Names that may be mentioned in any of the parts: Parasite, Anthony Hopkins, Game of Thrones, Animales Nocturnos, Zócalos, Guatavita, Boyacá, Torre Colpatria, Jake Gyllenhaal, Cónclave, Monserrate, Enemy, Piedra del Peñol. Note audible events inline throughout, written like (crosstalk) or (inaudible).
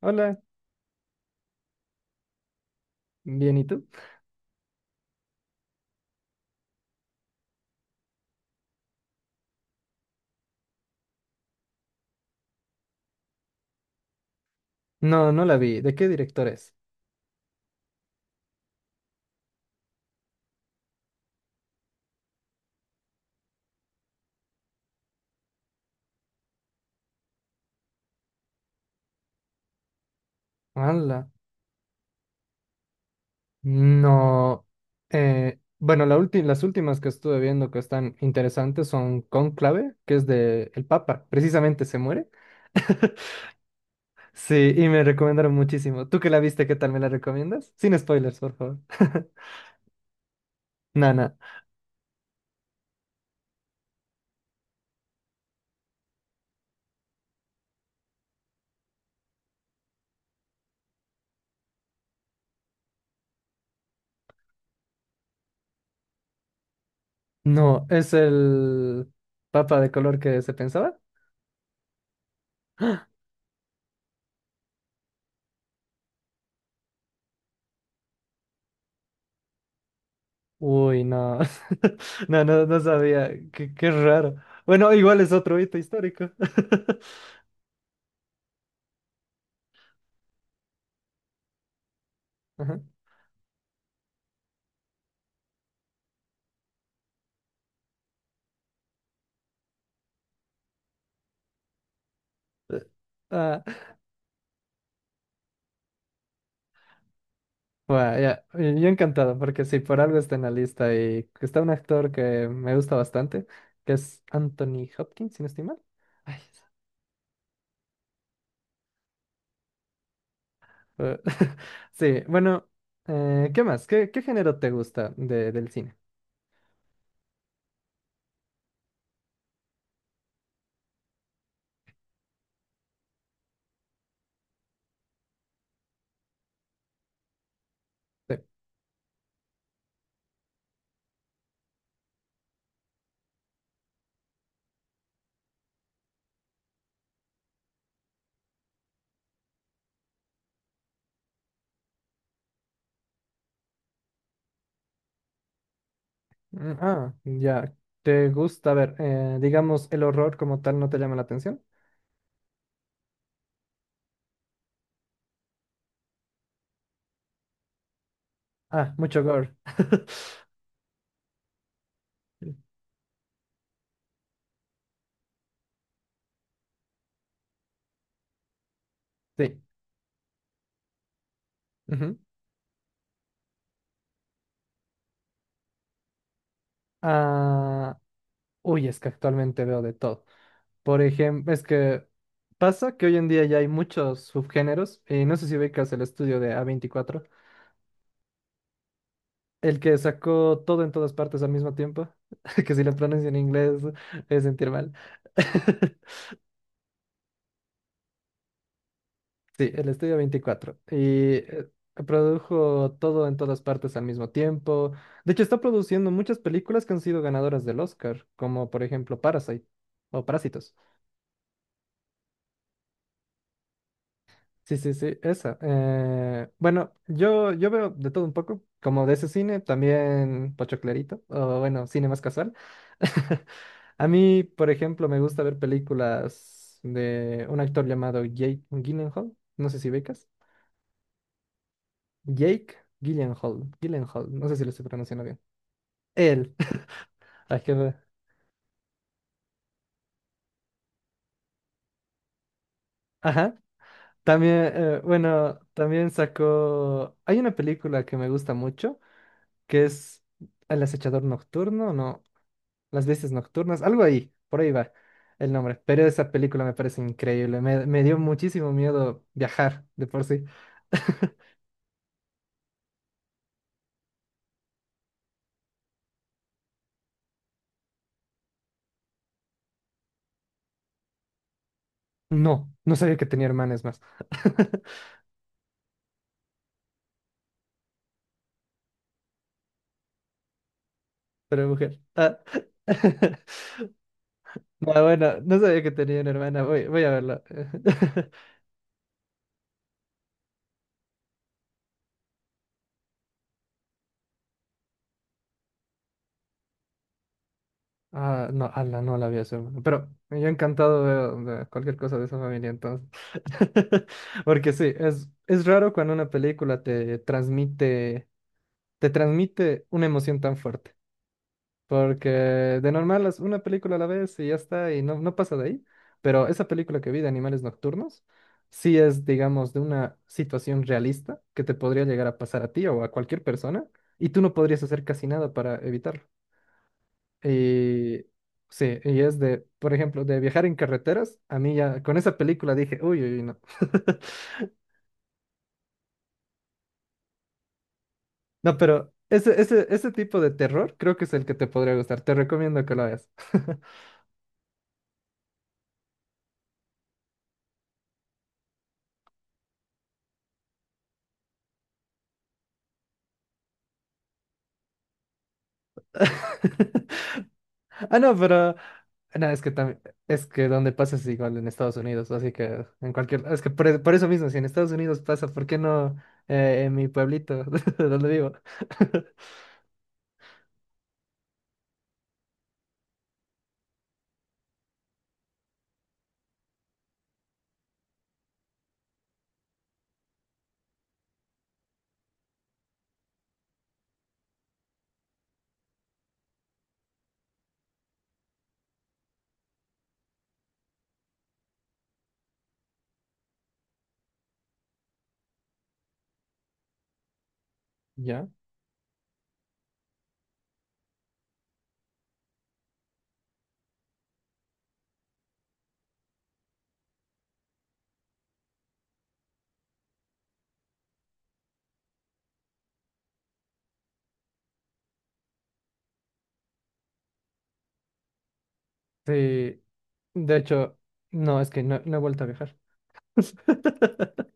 Hola, bien, ¿y tú? No, no la vi. ¿De qué director es? Hola. No. Bueno, las últimas que estuve viendo que están interesantes son Cónclave, que es de el Papa. Precisamente se muere. Sí, y me recomendaron muchísimo. ¿Tú que la viste, qué tal me la recomiendas? Sin spoilers, por favor. (laughs) Nana. No, ¿es el Papa de color que se pensaba? Uy, no. (laughs) No, no, no sabía. Qué, qué raro. Bueno, igual es otro hito histórico. (laughs) Ajá. Ah, bueno, ya, y yo encantado, porque si por algo está en la lista y está un actor que me gusta bastante, que es Anthony Hopkins, si no estoy mal. Ay, eh, (laughs) sí, bueno, ¿qué más? ¿Qué, qué género te gusta de, del cine? Te- Ah, ya, ¿te gusta? A ver, digamos, el horror como tal no te llama la atención. Ah, mucho gore. (laughs) Sí. Ujú. Ah, uy, es que actualmente veo de todo. Por ejemplo, es que pasa que hoy en día ya hay muchos subgéneros, y no sé si ubicas el estudio de A24, el que sacó Todo en Todas Partes al Mismo Tiempo, (laughs) que si lo pronuncio en inglés es sentir mal. (laughs) Sí, el estudio veinticuatro. Y produjo Todo en Todas Partes al Mismo Tiempo. De hecho, está produciendo muchas películas que han sido ganadoras del Oscar, como por ejemplo Parasite o Parásitos. Sí, sí, sí, esa. Bueno, yo veo de todo un poco, como de ese cine, también pochoclerito, o bueno, cine más casual. (laughs) A mí, por ejemplo, me gusta ver películas de un actor llamado Jake Gyllenhaal, no sé si becas. Jake Gyllenhaal, Gyllenhaal, no sé si lo estoy pronunciando bien. Él. (laughs) Ay, qué raro. Ajá. También, bueno, también sacó. Hay una película que me gusta mucho, que es El Acechador Nocturno, ¿no? Las Bestias Nocturnas, algo ahí, por ahí va el nombre. Pero esa película me parece increíble. Me dio muchísimo miedo viajar de por sí. (laughs) No, no sabía que tenía hermanas más. (laughs) Pero mujer. Ah. (laughs) No, bueno, no sabía que tenía una hermana. Voy a verla. (laughs) Ah, no, ala, no la había a. Pero yo encantado, veo de cualquier cosa de esa familia entonces. (laughs) Porque sí, es raro cuando una película te transmite una emoción tan fuerte. Porque de normal es una película a la vez y ya está, y no, no pasa de ahí. Pero esa película que vi, de Animales Nocturnos, sí es, digamos, de una situación realista que te podría llegar a pasar a ti o a cualquier persona, y tú no podrías hacer casi nada para evitarlo. Y sí, y es de, por ejemplo, de viajar en carreteras. A mí ya con esa película dije, uy, uy, uy, no. (laughs) No, pero ese tipo de terror creo que es el que te podría gustar. Te recomiendo que lo veas. (laughs) Ah, no, pero... No, es que también... Es que donde pasa es igual en Estados Unidos, así que en cualquier... Es que por eso mismo, si en Estados Unidos pasa, ¿por qué no en mi pueblito, (laughs) donde vivo? (laughs) ¿Ya? Sí. De hecho, no, es que no, no he vuelto a viajar. (laughs)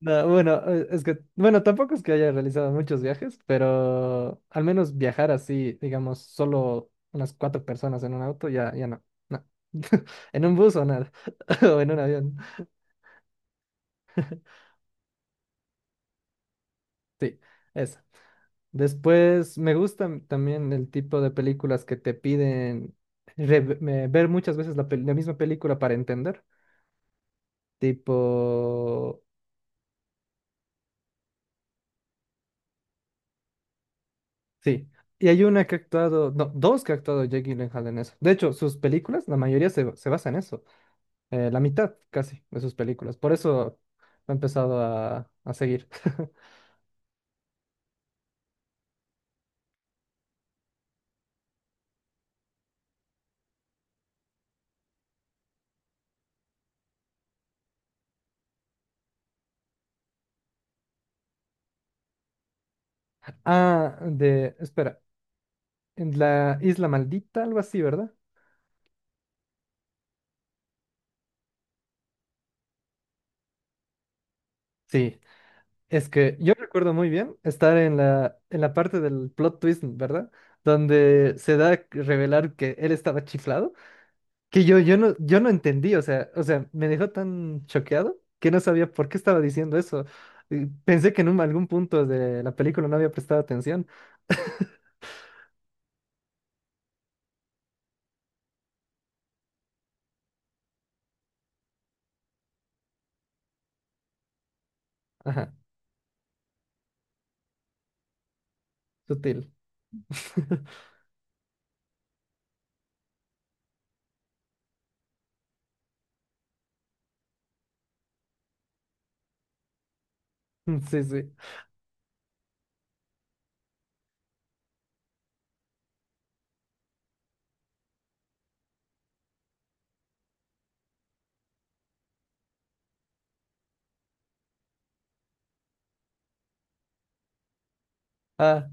No, bueno, es que, bueno, tampoco es que haya realizado muchos viajes, pero al menos viajar así, digamos, solo unas cuatro personas en un auto, ya, ya no, no. (laughs) En un bus o nada, (laughs) o en un avión. Sí, esa. Después me gusta también el tipo de películas que te piden ver muchas veces la misma película para entender. Tipo, sí. Y hay una que ha actuado, no, dos que ha actuado Jake Gyllenhaal en eso. De hecho, sus películas, la mayoría se basa en eso. Eh, la mitad casi de sus películas. Por eso me he empezado a seguir. (laughs) Ah, de, espera, en La Isla Maldita, algo así, ¿verdad? Sí, es que yo recuerdo muy bien estar en en la parte del plot twist, ¿verdad? Donde se da a revelar que él estaba chiflado, que yo no entendí, o sea, me dejó tan choqueado que no sabía por qué estaba diciendo eso. Y pensé que en algún punto de la película no había prestado atención. Ajá, sutil. (laughs) Sí, sí. Ah.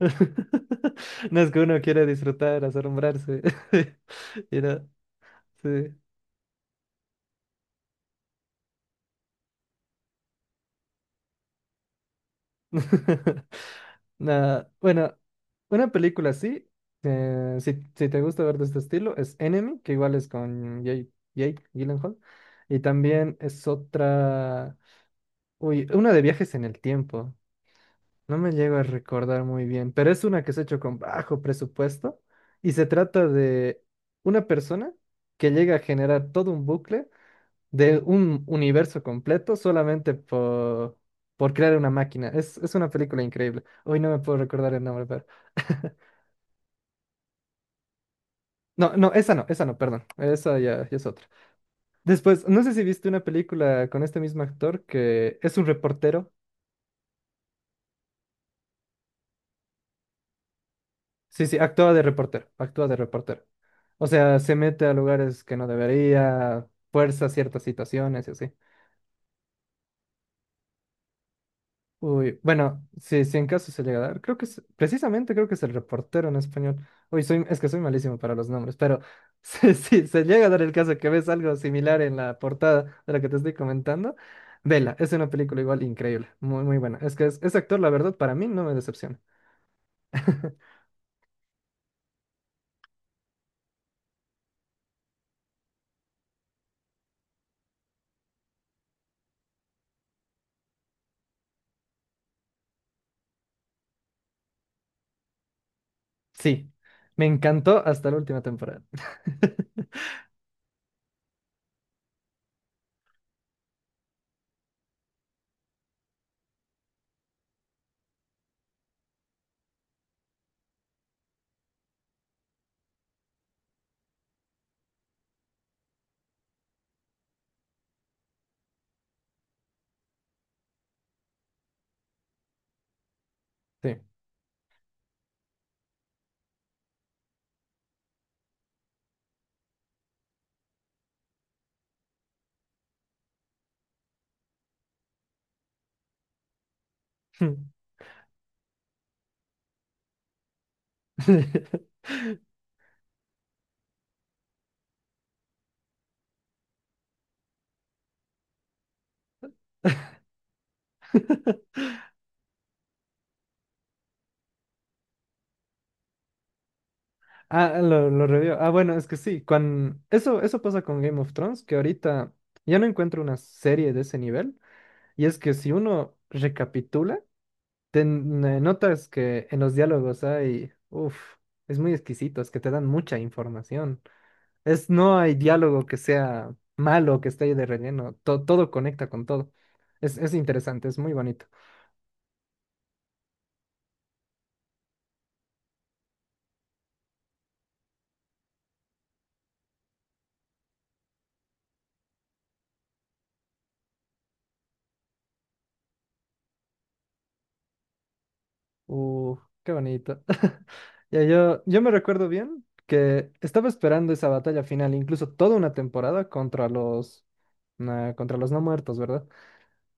(laughs) No, es que uno quiere disfrutar, asombrarse. (laughs) Mira, sí. (laughs) Nah, bueno, una película así, si, si te gusta ver de este estilo, es Enemy, que igual es con Jake Gyllenhaal. Y también es otra, uy, una de viajes en el tiempo. No me llego a recordar muy bien, pero es una que se ha hecho con bajo presupuesto y se trata de una persona que llega a generar todo un bucle de un universo completo solamente por crear una máquina. Es una película increíble. Hoy no me puedo recordar el nombre, pero... (laughs) No, no, esa no, esa no, perdón. Esa ya, ya es otra. Después, no sé si viste una película con este mismo actor que es un reportero. Sí, sí, actúa de reportero, actúa de reportero. O sea, se mete a lugares que no debería, fuerza ciertas situaciones y así. Uy, bueno, sí, sí, en caso se llega a dar. Creo que es, precisamente creo que es El Reportero en español. Uy, soy, es que soy malísimo para los nombres, pero (laughs) sí, sí, se llega a dar el caso que ves algo similar en la portada de la que te estoy comentando. Vela, es una película igual increíble, muy, muy buena. Es que ese actor, la verdad, para mí no me decepciona. (laughs) Sí, me encantó hasta la última temporada. (laughs) Sí. (laughs) Ah, lo revió. Ah, bueno, es que sí, con... eso pasa con Game of Thrones, que ahorita ya no encuentro una serie de ese nivel. Y es que si uno recapitula, notas que en los diálogos hay, uff, es muy exquisito, es que te dan mucha información. Es, no hay diálogo que sea malo, que esté ahí de relleno, todo conecta con todo. Es interesante, es muy bonito. Uf, qué bonito. (laughs) Ya yo me recuerdo bien que estaba esperando esa batalla final, incluso toda una temporada contra los, nah, contra los no muertos, ¿verdad?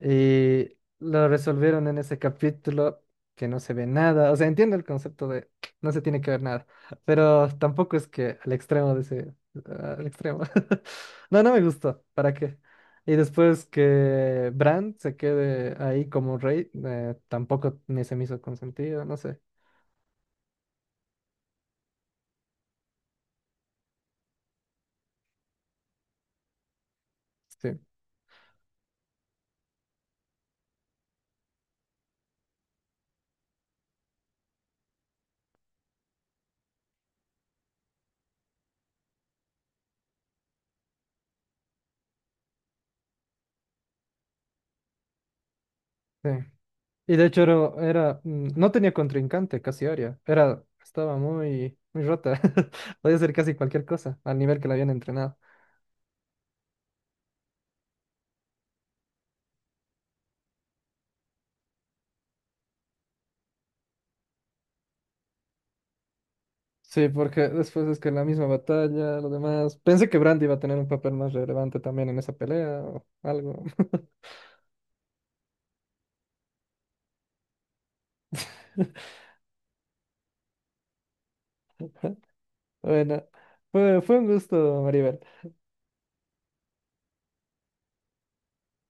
Y lo resolvieron en ese capítulo que no se ve nada. O sea, entiendo el concepto de no se tiene que ver nada, pero tampoco es que al extremo de ese, al extremo. (laughs) No, no me gustó. ¿Para qué? Y después que Bran se quede ahí como rey, tampoco ni se me hizo consentido, no sé. Sí, sí. Y de hecho era, era, mm, no tenía contrincante, casi Arya. Era, estaba muy, muy rota. (laughs) Podía hacer casi cualquier cosa, al nivel que la habían entrenado. Sí, porque después es que la misma batalla, lo demás. Pensé que Brandy iba a tener un papel más relevante también en esa pelea o algo. (laughs) Bueno, fue, fue un gusto, Maribel.